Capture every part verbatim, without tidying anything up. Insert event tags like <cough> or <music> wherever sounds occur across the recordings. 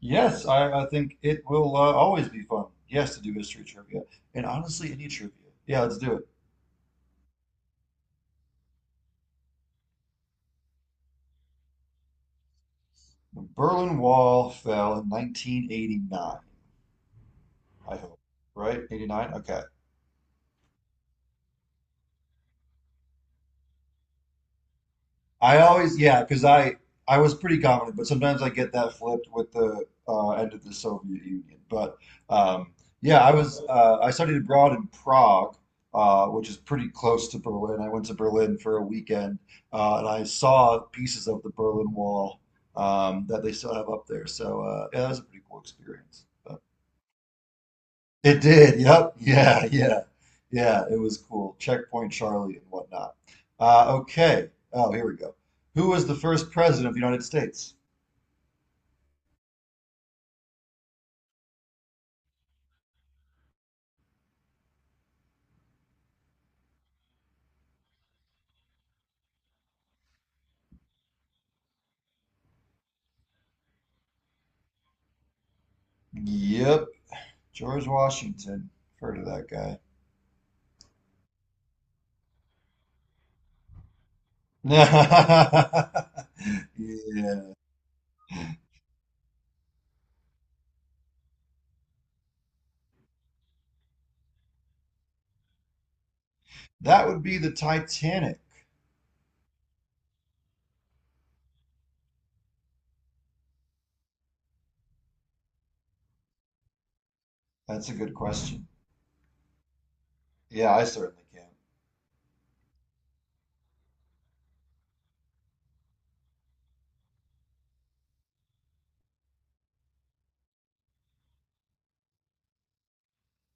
Yes, I, I think it will uh, always be fun. Yes, to do history trivia and honestly, any trivia. Yeah, let's do it. Berlin Wall fell in nineteen eighty-nine, I hope. Right? eighty-nine? Okay. I always, yeah, because I I was pretty confident, but sometimes I get that flipped with the uh, end of the Soviet Union. But um, yeah, I was uh, I studied abroad in Prague, uh, which is pretty close to Berlin. I went to Berlin for a weekend, uh, and I saw pieces of the Berlin Wall um, that they still have up there. So uh, yeah, that was a pretty cool experience. Uh, it did. Yep. Yeah. Yeah. Yeah. It was cool. Checkpoint Charlie and whatnot. Uh, okay. Oh, here we go. Who was the first president of the United States? Yep. George Washington. Heard of that guy. <laughs> Yeah. That would be the Titanic. That's a good question. Yeah, I certainly can.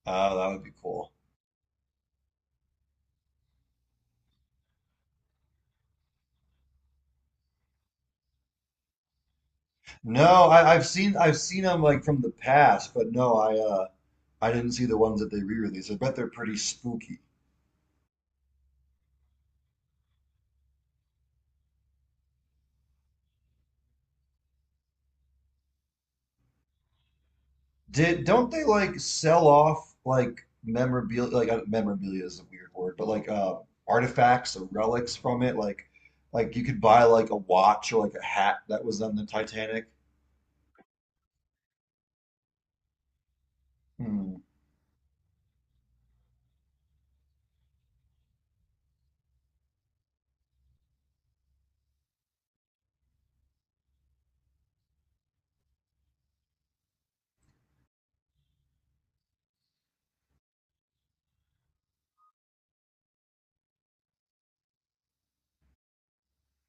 Oh, that would be cool. No, I, I've seen I've seen them like from the past, but no, I uh I didn't see the ones that they re-released. I bet they're pretty spooky. Did don't they like sell off like memorabilia? Like uh, memorabilia is a weird word, but like uh, artifacts or relics from it. Like like you could buy like a watch or like a hat that was on the Titanic. Hmm.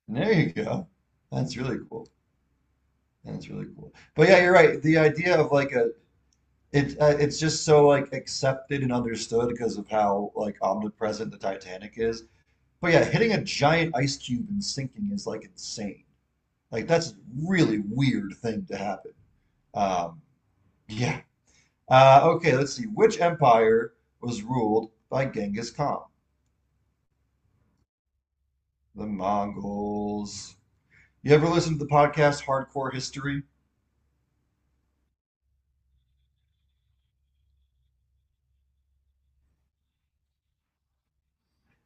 There you go. That's really cool. That's really cool. But yeah, you're right. The idea of like a it uh, It's just so like accepted and understood because of how like omnipresent the Titanic is. But yeah, hitting a giant ice cube and sinking is like insane. Like that's a really weird thing to happen. Um, yeah. Uh, okay, let's see. Which empire was ruled by Genghis Khan? The Mongols. You ever listen to the podcast Hardcore History?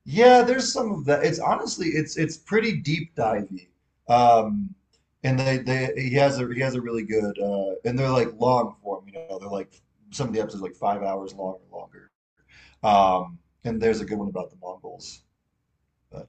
Yeah, there's some of that. It's honestly, it's it's pretty deep divey. Um, and they they he has a he has a really good uh, and they're like long form. You know, they're like some of the episodes are like five hours long or longer. Um, and there's a good one about the Mongols. Uh,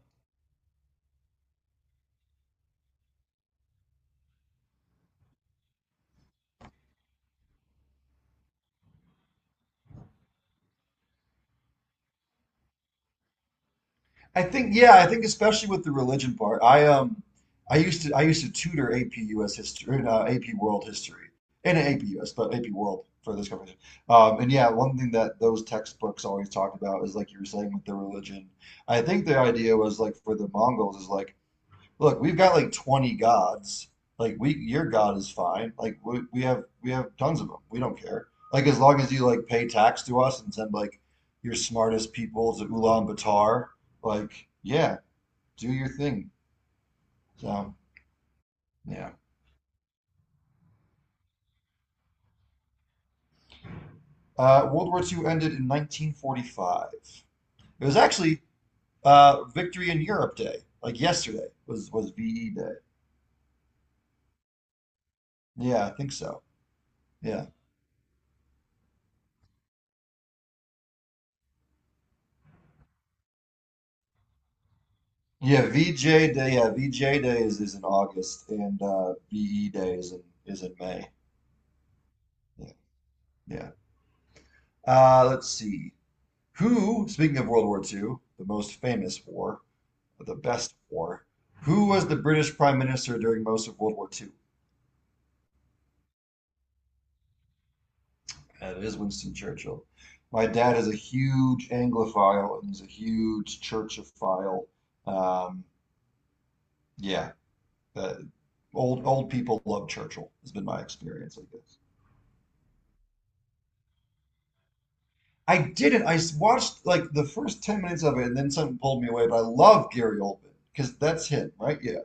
I think yeah, I think especially with the religion part. I um I used to I used to tutor A P U S history, uh, AP World history, and AP US, but A P World for this conversation. Um, and yeah, one thing that those textbooks always talked about is like you were saying with the religion. I think the idea was like for the Mongols is like look, we've got like twenty gods. Like we, your God is fine. Like we, we have, we have tons of them. We don't care. Like as long as you like pay tax to us and send like your smartest people to Ulaanbaatar, like yeah, do your thing. So yeah, uh, World War Two ended in nineteen forty-five. It was actually uh, Victory in Europe Day, like yesterday was was V E Day. Yeah, I think so. Yeah. Yeah, V J Day. Yeah, V J Day is, is in August, and uh, B E Day is in is in May. Yeah, yeah. Uh, let's see. Who, speaking of World War Two, the most famous war, the best war, who was the British Prime Minister during most of World War Two? And it is Winston Churchill. My dad is a huge Anglophile and he's a huge Churchophile. Um, yeah, uh, old old people love Churchill. Has been my experience, I guess. I didn't. I I watched like the first ten minutes of it and then something pulled me away, but I love Gary Oldman because that's him, right? Yeah.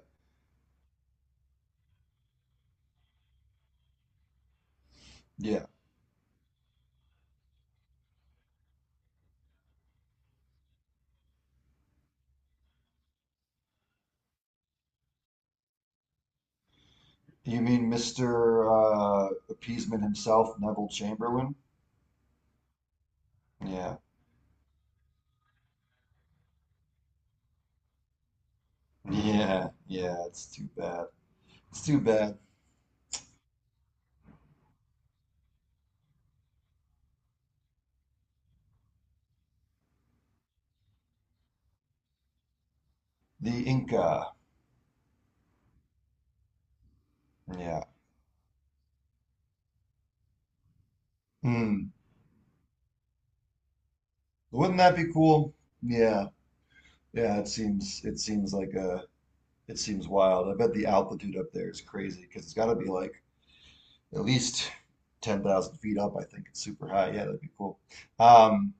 Yeah. You mean mister uh, Appeasement himself, Neville Chamberlain? Yeah. Yeah. Yeah. It's too bad. It's too bad. The Inca. Yeah. Hmm. Wouldn't that be cool? Yeah. Yeah. It seems, it seems like a, it seems wild. I bet the altitude up there is crazy because it's got to be like at least ten thousand feet up. I think it's super high. Yeah, that'd be cool. Um,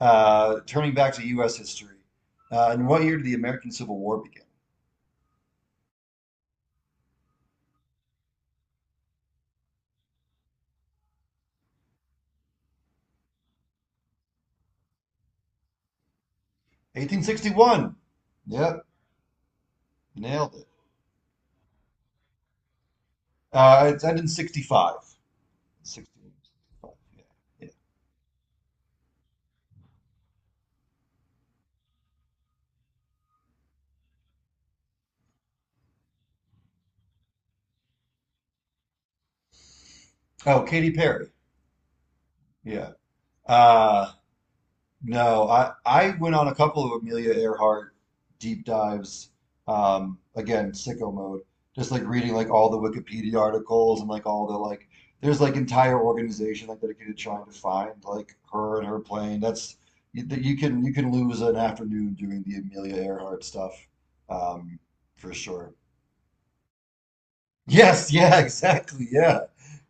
uh, Turning back to U S history, uh, in what year did the American Civil War begin? eighteen sixty-one. Yep, nailed it. Uh, it ended in sixty-five. sixty-five. Yeah, yeah. Oh, Katy Perry. Yeah. Uh, no, I I went on a couple of Amelia Earhart deep dives. Um, again, sicko mode. Just like reading like all the Wikipedia articles and like all the like. There's like entire organization like dedicated to trying to find like her and her plane. That's you, that you can you can lose an afternoon doing the Amelia Earhart stuff, um, for sure. Yes, yeah, <laughs> exactly. Yeah.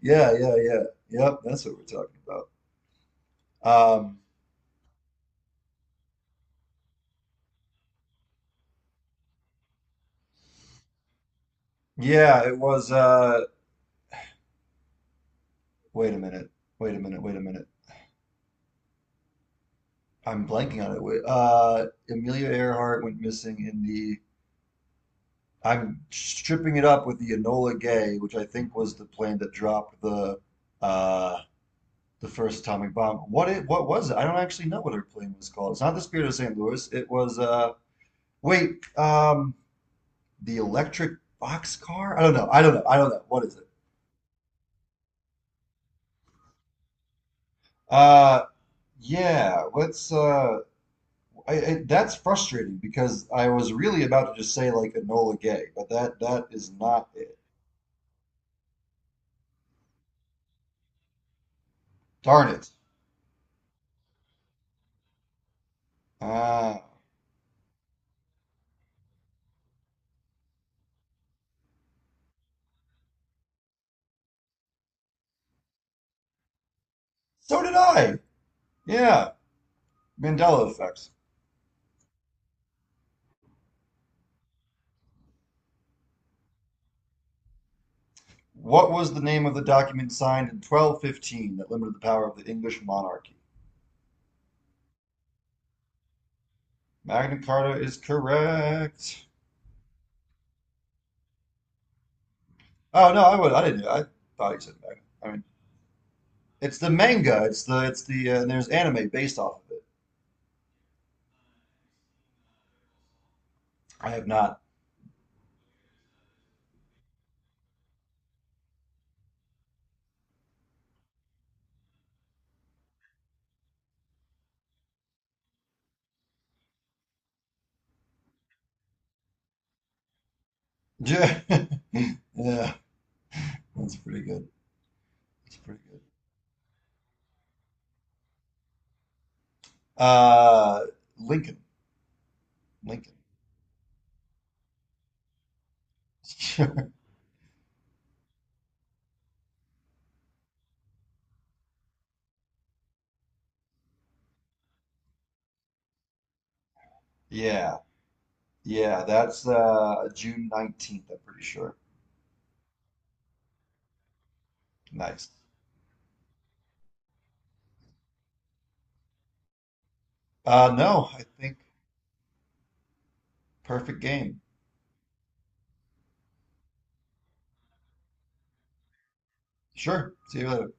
Yeah, yeah, yeah. Yep, that's what we're talking about. Um, yeah, it was uh wait a minute. Wait a minute. Wait a minute. I'm blanking on it. Wait, uh, Amelia Earhart went missing in the. I'm stripping it up with the Enola Gay, which I think was the plane that dropped the uh, the first atomic bomb. What it? What was it? I don't actually know what her plane was called. It's not the Spirit of saint Louis. It was. Uh, wait. Um, the Electric Boxcar. I don't know. I don't know. I don't know. What is it? Uh, yeah. Let's. Uh, I, I that's frustrating because I was really about to just say like Enola Gay, but that that is not it. Darn it. Ah, so did I. Yeah, Mandela effect. What was the name of the document signed in twelve fifteen that limited the power of the English monarchy? Magna Carta is correct. Oh no, I would I didn't I thought you said Magna. I mean, it's the manga. It's the it's the uh, and there's anime based off of it. I have not. <laughs> Yeah, yeah, that's pretty good. That's pretty good. Uh, Lincoln, Lincoln. <laughs> Yeah, yeah, that's uh June nineteenth, I'm pretty sure. Nice. Uh, no, I think perfect game. Sure. See you later.